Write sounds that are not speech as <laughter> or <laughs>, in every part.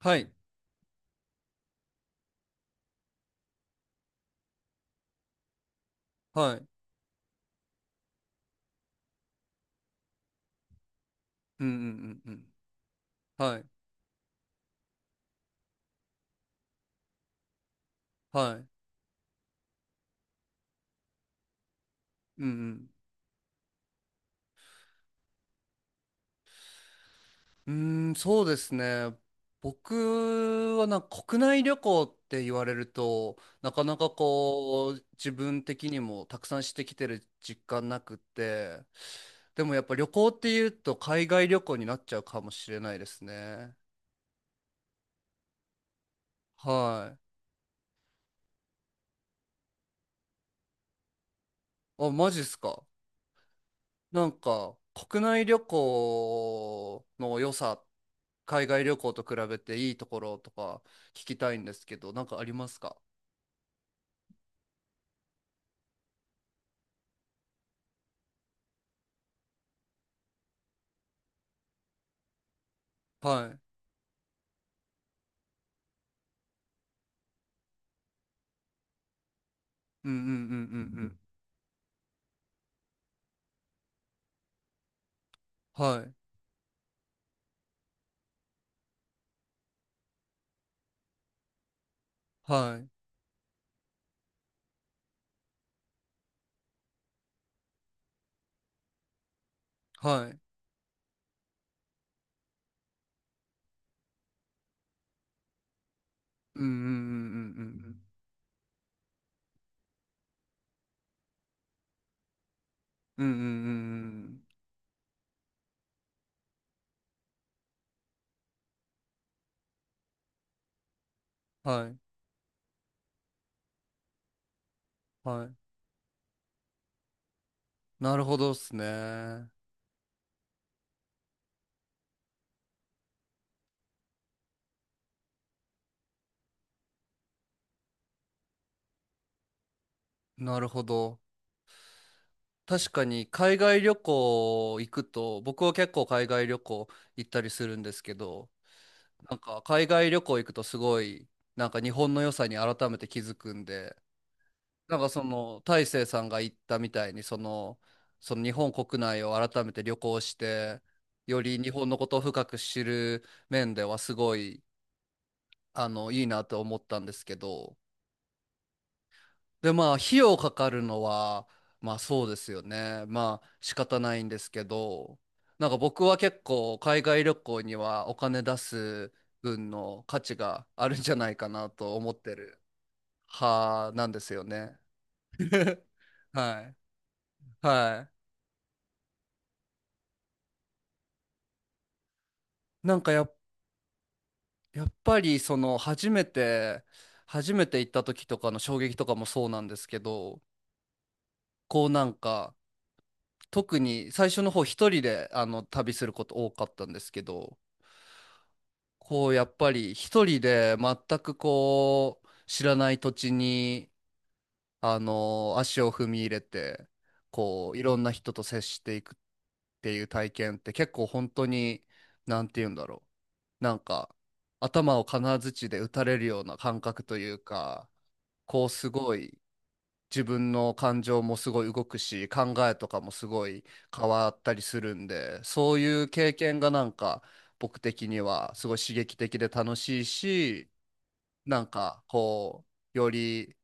はい、はい。うんうんうんうん。はい、はい。うんうん。うーん、そうですね。僕はなんか国内旅行って言われると、なかなかこう、自分的にもたくさんしてきてる実感なくって、でもやっぱ旅行っていうと海外旅行になっちゃうかもしれないですね。はい。あ、マジっすか。なんか国内旅行の良さ、海外旅行と比べていいところとか聞きたいんですけど、なんかありますか？はい。うんうんうんうんうん。はい。はい。はい。うんうんうんうんうんうん。うんうんうんうんうん。はい。はい。なるほどっすね。なるほど。確かに海外旅行行くと、僕は結構海外旅行行ったりするんですけど、なんか海外旅行行くとすごい、なんか日本の良さに改めて気づくんで、なんかその大成さんが言ったみたいにその、その日本国内を改めて旅行してより日本のことを深く知る面ではすごい、あのいいなと思ったんですけど、でまあ費用かかるのはまあそうですよね、まあ仕方ないんですけど、なんか僕は結構海外旅行にはお金出す分の価値があるんじゃないかなと思ってる派なんですよね。<laughs> はい、はい。なんかやっ、やっぱりその初めて行った時とかの衝撃とかもそうなんですけど、こうなんか特に最初の方一人であの旅すること多かったんですけど、こうやっぱり一人で全くこう知らない土地にあの足を踏み入れて、こういろんな人と接していくっていう体験って結構本当に、なんて言うんだろう、なんか頭を金槌で打たれるような感覚というか、こうすごい自分の感情もすごい動くし考えとかもすごい変わったりするんで、そういう経験がなんか僕的にはすごい刺激的で楽しいし、なんかこう、より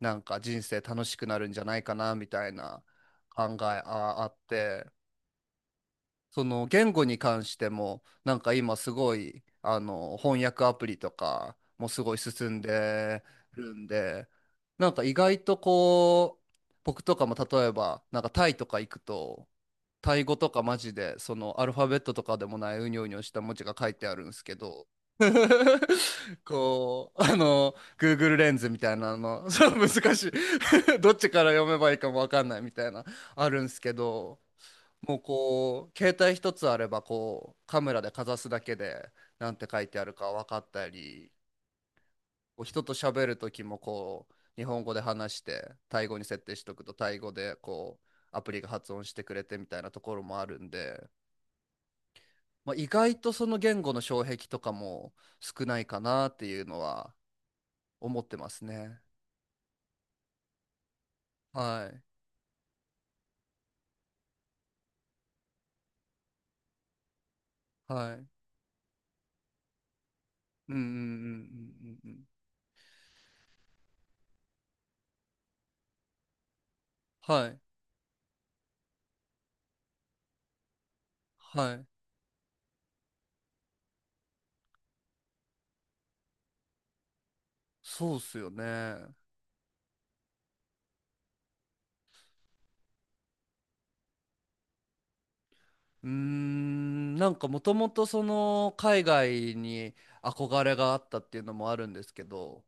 なんか人生楽しくなるんじゃないかなみたいな考えあって、その言語に関してもなんか今すごいあの翻訳アプリとかもすごい進んでるんで、なんか意外とこう、僕とかも例えばなんかタイとか行くと、タイ語とかマジで、そのアルファベットとかでもないうにょうにょした文字が書いてあるんですけど、<laughs> こう、あの、Google レンズみたいなの、<laughs> そう難しい <laughs> どっちから読めばいいかもわかんないみたいな、あるんですけど、もうこう、携帯一つあれば、こう、カメラでかざすだけで、なんて書いてあるか分かったり、こう人と喋るときもこう日本語で話してタイ語に設定しとくとタイ語でこうアプリが発音してくれてみたいなところもあるんで、まあ、意外とその言語の障壁とかも少ないかなっていうのは思ってますね。はい、はい。うんうんうんうんうんうん。はい、はい、そうっすよね。なんかもともとその海外に憧れがあったっていうのもあるんですけど、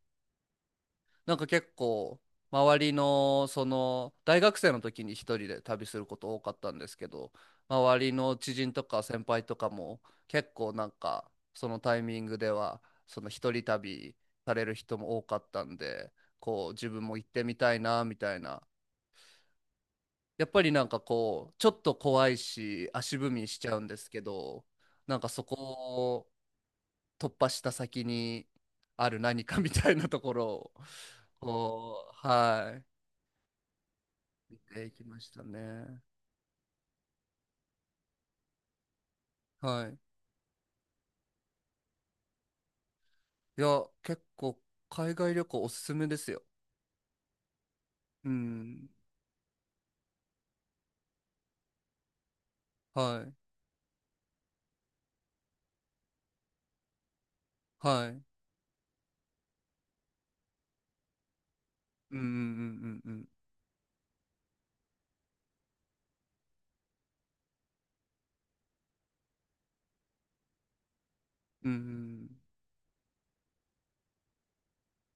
なんか結構周りのその大学生の時に一人で旅すること多かったんですけど、周りの知人とか先輩とかも結構なんかそのタイミングでは、その一人旅される人も多かったんで、こう自分も行ってみたいなみたいな、やっぱりなんかこうちょっと怖いし足踏みしちゃうんですけど、なんかそこを突破した先にある何かみたいなところを、こう、はい、見ていきましたね。はい。いや、結構海外旅行おすすめですよ。うん。はい。はい。うんうんうんうんうん。うん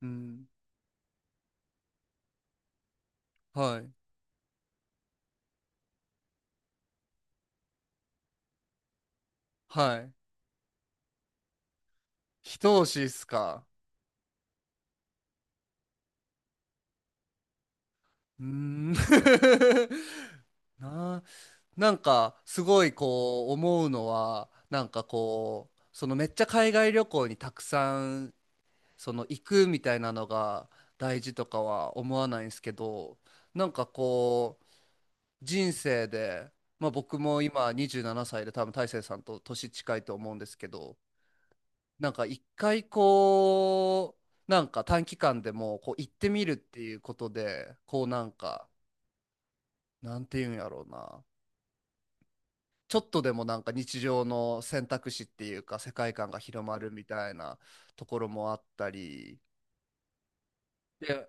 うん。うん、はい。はい。一押しっすか。うーん。<laughs> なあ、なんかすごいこう思うのは、なんかこう、そのめっちゃ海外旅行にたくさんその行くみたいなのが大事とかは思わないんですけど、なんかこう、人生で、まあ、僕も今27歳で多分大成さんと年近いと思うんですけど、なんか一回、こうなんか短期間でもこう行ってみるっていうことでこうなんか、なんていうんやろうな、ちょっとでもなんか日常の選択肢っていうか世界観が広まるみたいなところもあったり、で、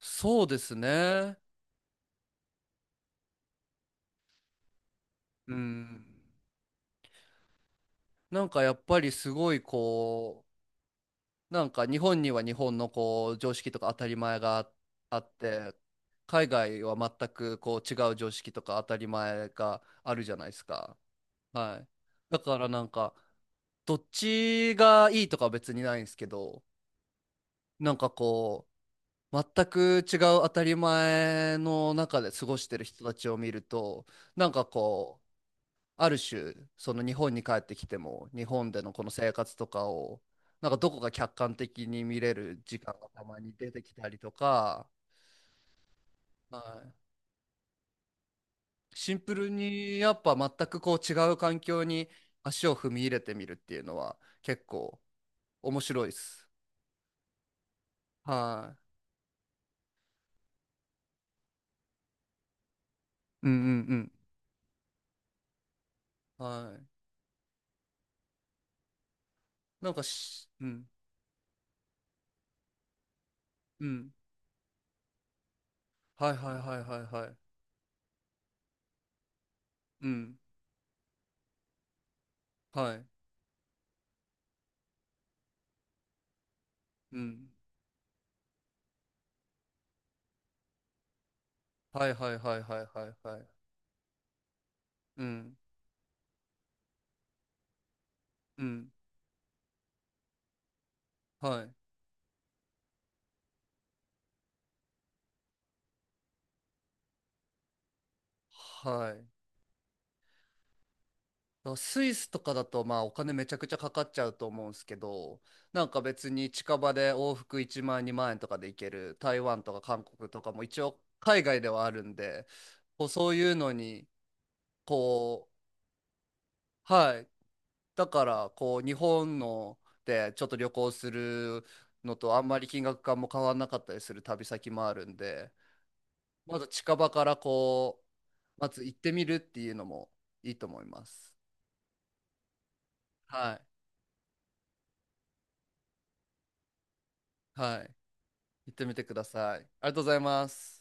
そうですね。うん。なんかやっぱりすごいこう、なんか日本には日本のこう常識とか当たり前があって、海外は全くこう違う常識とか当たり前があるじゃないですか。はい。だからなんかどっちがいいとかは別にないんですけど、なんかこう全く違う当たり前の中で過ごしてる人たちを見るとなんかこある種その日本に帰ってきても日本でのこの生活とかをなんかどこか客観的に見れる時間がたまに出てきたりとか、はい、シンプルにやっぱ全くこう違う環境に足を踏み入れてみるっていうのは結構面白いです。はい。うんうんうん。はい。なんかし、うんうん。はい、はい、はい、はい、はい。うん。はい。うん。はい、はい、はい、はい、はい、はい。うん。うん。はい。はい。スイスとかだとまあお金めちゃくちゃかかっちゃうと思うんですけど、なんか別に近場で往復1万円2万円とかで行ける台湾とか韓国とかも一応海外ではあるんで、こうそういうのに、こう、はい、だからこう日本ので、ちょっと旅行するのとあんまり金額感も変わらなかったりする旅先もあるんで、まず近場からこう、まず行ってみるっていうのもいいと思います。はい、はい、行ってみてください。ありがとうございます。